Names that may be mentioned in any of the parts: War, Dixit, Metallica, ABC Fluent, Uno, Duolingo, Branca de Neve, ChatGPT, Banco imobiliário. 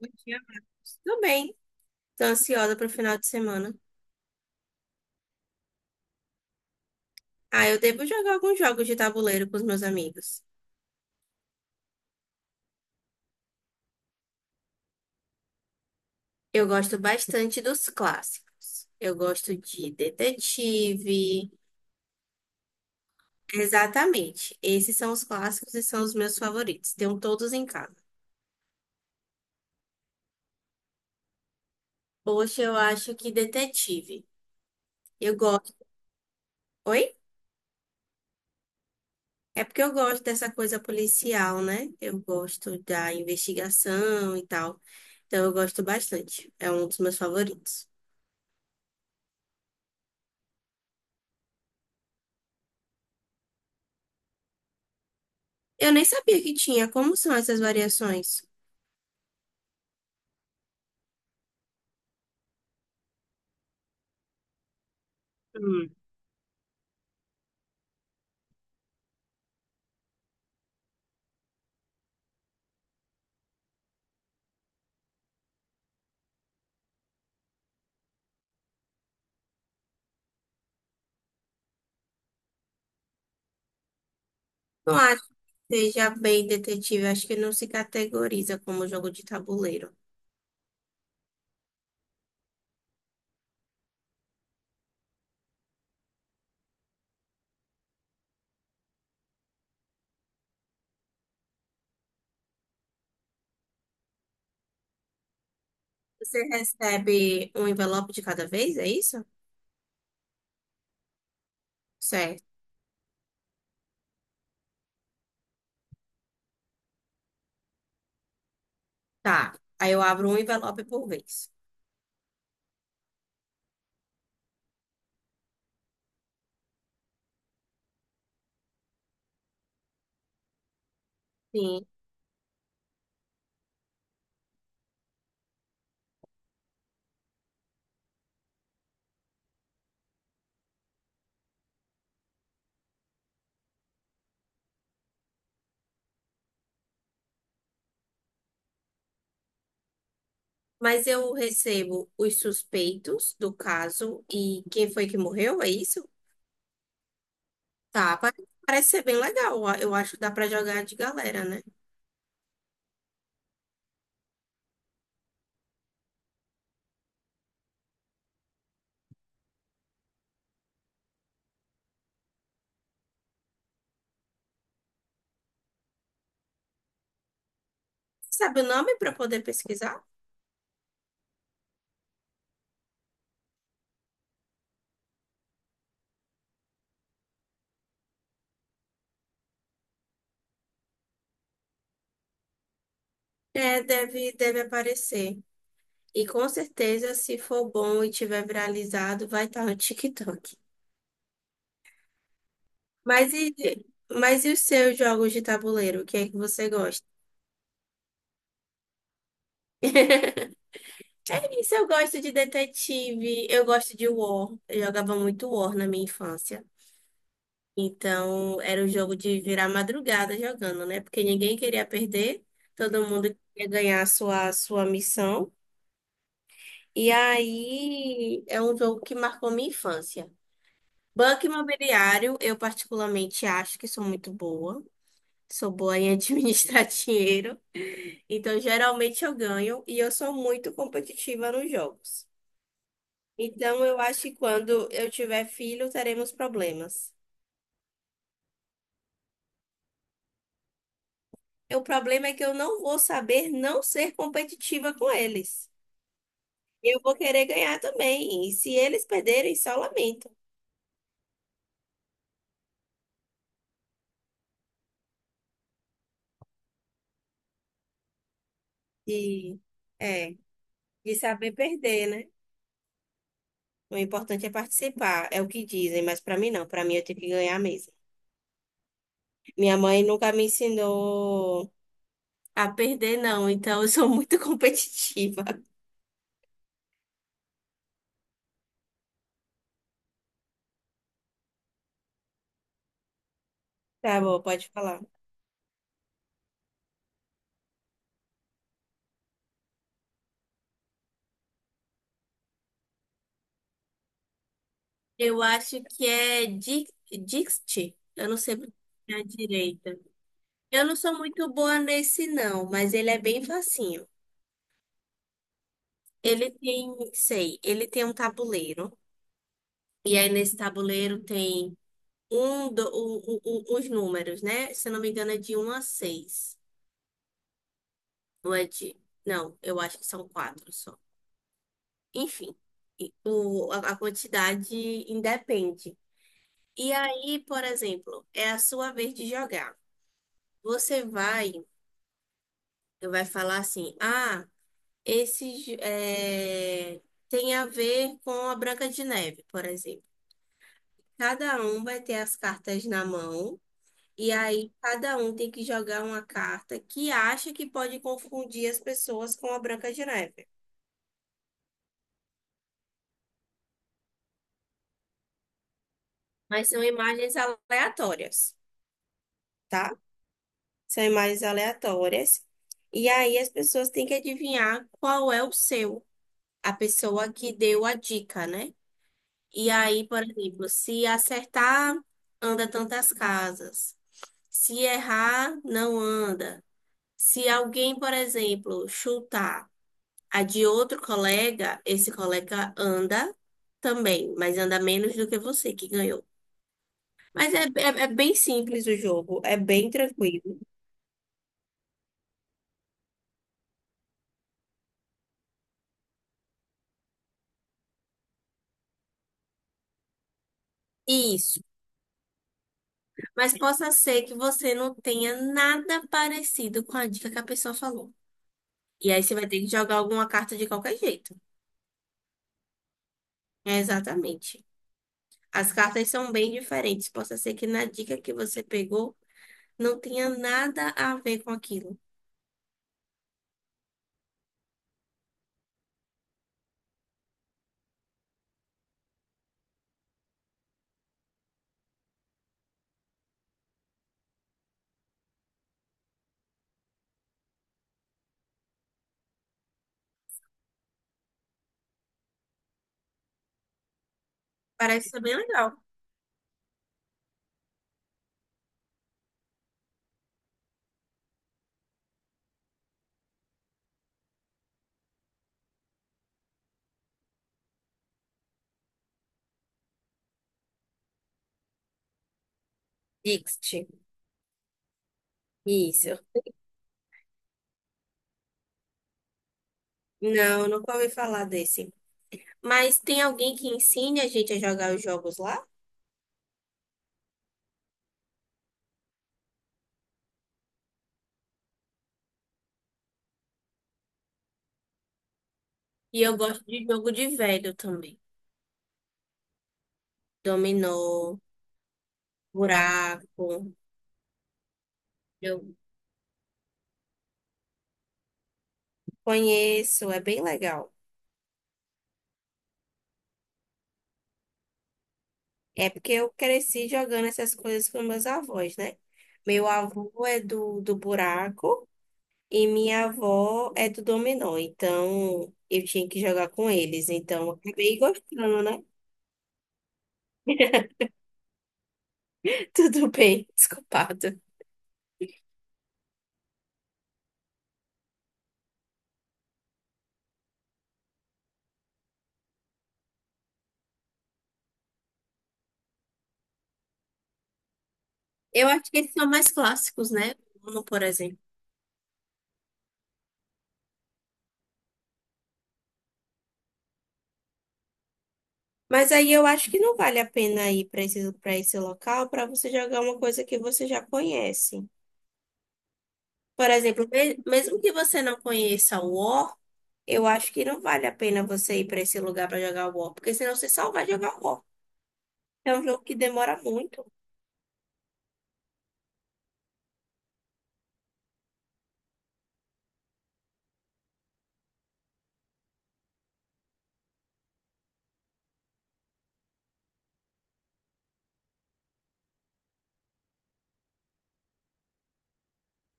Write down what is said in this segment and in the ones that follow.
Muito ansiosa. Tô bem. Tô ansiosa pro final de semana. Eu devo jogar alguns jogos de tabuleiro com os meus amigos. Eu gosto bastante dos clássicos. Eu gosto de detetive. Exatamente. Esses são os clássicos e são os meus favoritos. Tenho todos em casa. Poxa, eu acho que detetive. Eu gosto. Oi? É porque eu gosto dessa coisa policial, né? Eu gosto da investigação e tal. Então eu gosto bastante. É um dos meus favoritos. Eu nem sabia que tinha. Como são essas variações? Hum. Não acho que seja bem detetive. Acho que não se categoriza como jogo de tabuleiro. Você recebe um envelope de cada vez, é isso? Certo. Tá. Aí eu abro um envelope por vez. Sim. Mas eu recebo os suspeitos do caso e quem foi que morreu, é isso? Tá. Parece ser bem legal. Eu acho que dá pra jogar de galera, né? Sabe o nome pra poder pesquisar? É, deve aparecer. E com certeza, se for bom e tiver viralizado, vai estar no TikTok. Mas e, mas e os seus jogos de tabuleiro? O que é que você gosta? É isso, eu gosto de detetive, eu gosto de War. Eu jogava muito War na minha infância. Então, era o jogo de virar madrugada jogando, né? Porque ninguém queria perder, todo mundo queria ganhar a sua missão. E aí, é um jogo que marcou minha infância. Banco imobiliário, eu particularmente acho que sou muito boa. Sou boa em administrar dinheiro. Então, geralmente eu ganho e eu sou muito competitiva nos jogos. Então, eu acho que quando eu tiver filho, teremos problemas. E o problema é que eu não vou saber não ser competitiva com eles. Eu vou querer ganhar também. E se eles perderem, só lamento. E é, de saber perder, né? O importante é participar, é o que dizem, mas pra mim não. Pra mim eu tenho que ganhar mesmo. Minha mãe nunca me ensinou a perder, não, então eu sou muito competitiva. Tá bom, pode falar. Eu acho que é di- Dixit. Eu não sei pronunciar direito. Eu não sou muito boa nesse, não, mas ele é bem facinho. Ele tem um tabuleiro. E aí nesse tabuleiro tem um, do, o- os números, né? Se eu não me engano, é de um a 6. Ou é de. Não, eu acho que são quatro só. Enfim. A quantidade independe. E aí, por exemplo, é a sua vez de jogar. Você vai, vai falar assim: ah, esse j- é, tem a ver com a Branca de Neve, por exemplo. Cada um vai ter as cartas na mão, e aí cada um tem que jogar uma carta que acha que pode confundir as pessoas com a Branca de Neve. Mas são imagens aleatórias, tá? São imagens aleatórias. E aí as pessoas têm que adivinhar qual é o seu, a pessoa que deu a dica, né? E aí, por exemplo, se acertar, anda tantas casas. Se errar, não anda. Se alguém, por exemplo, chutar a de outro colega, esse colega anda também, mas anda menos do que você que ganhou. Mas é bem simples o jogo, é bem tranquilo. Isso. Mas possa ser que você não tenha nada parecido com a dica que a pessoa falou. E aí você vai ter que jogar alguma carta de qualquer jeito. É, exatamente. As cartas são bem diferentes. Possa ser que na dica que você pegou não tenha nada a ver com aquilo. Parece ser bem legal. Dixit. Isso. Não, nunca ouvi falar desse. Mas tem alguém que ensine a gente a jogar os jogos lá? E eu gosto de jogo de velho também. Dominó, buraco. Conheço, é bem legal. É porque eu cresci jogando essas coisas com meus avós, né? Meu avô é do buraco e minha avó é do dominó. Então, eu tinha que jogar com eles. Então, eu acabei gostando, né? Tudo bem, desculpado. Eu acho que eles são mais clássicos, né? Uno, por exemplo. Mas aí eu acho que não vale a pena ir para esse local para você jogar uma coisa que você já conhece. Por exemplo, mesmo que você não conheça o War, eu acho que não vale a pena você ir para esse lugar para jogar War, porque senão você só vai jogar War. É um jogo que demora muito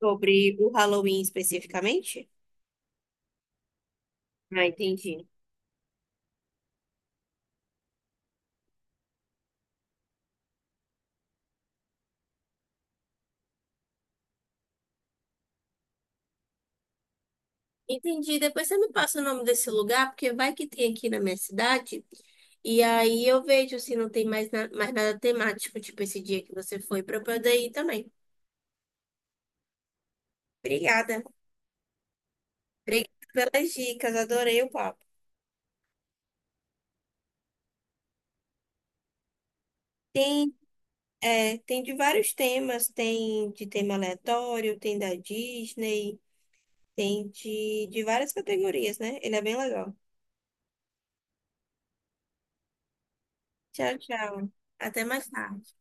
sobre o Halloween especificamente. Ah, entendi. Entendi. Depois você me passa o nome desse lugar, porque vai que tem aqui na minha cidade. E aí eu vejo se não tem mais, mais nada temático, tipo esse dia que você foi, para eu poder ir também. Obrigada. Obrigada pelas dicas, adorei o papo. Tem, é, tem de vários temas, tem de tema aleatório, tem da Disney. Tem de várias categorias, né? Ele é bem legal. Tchau, tchau. Até mais tarde.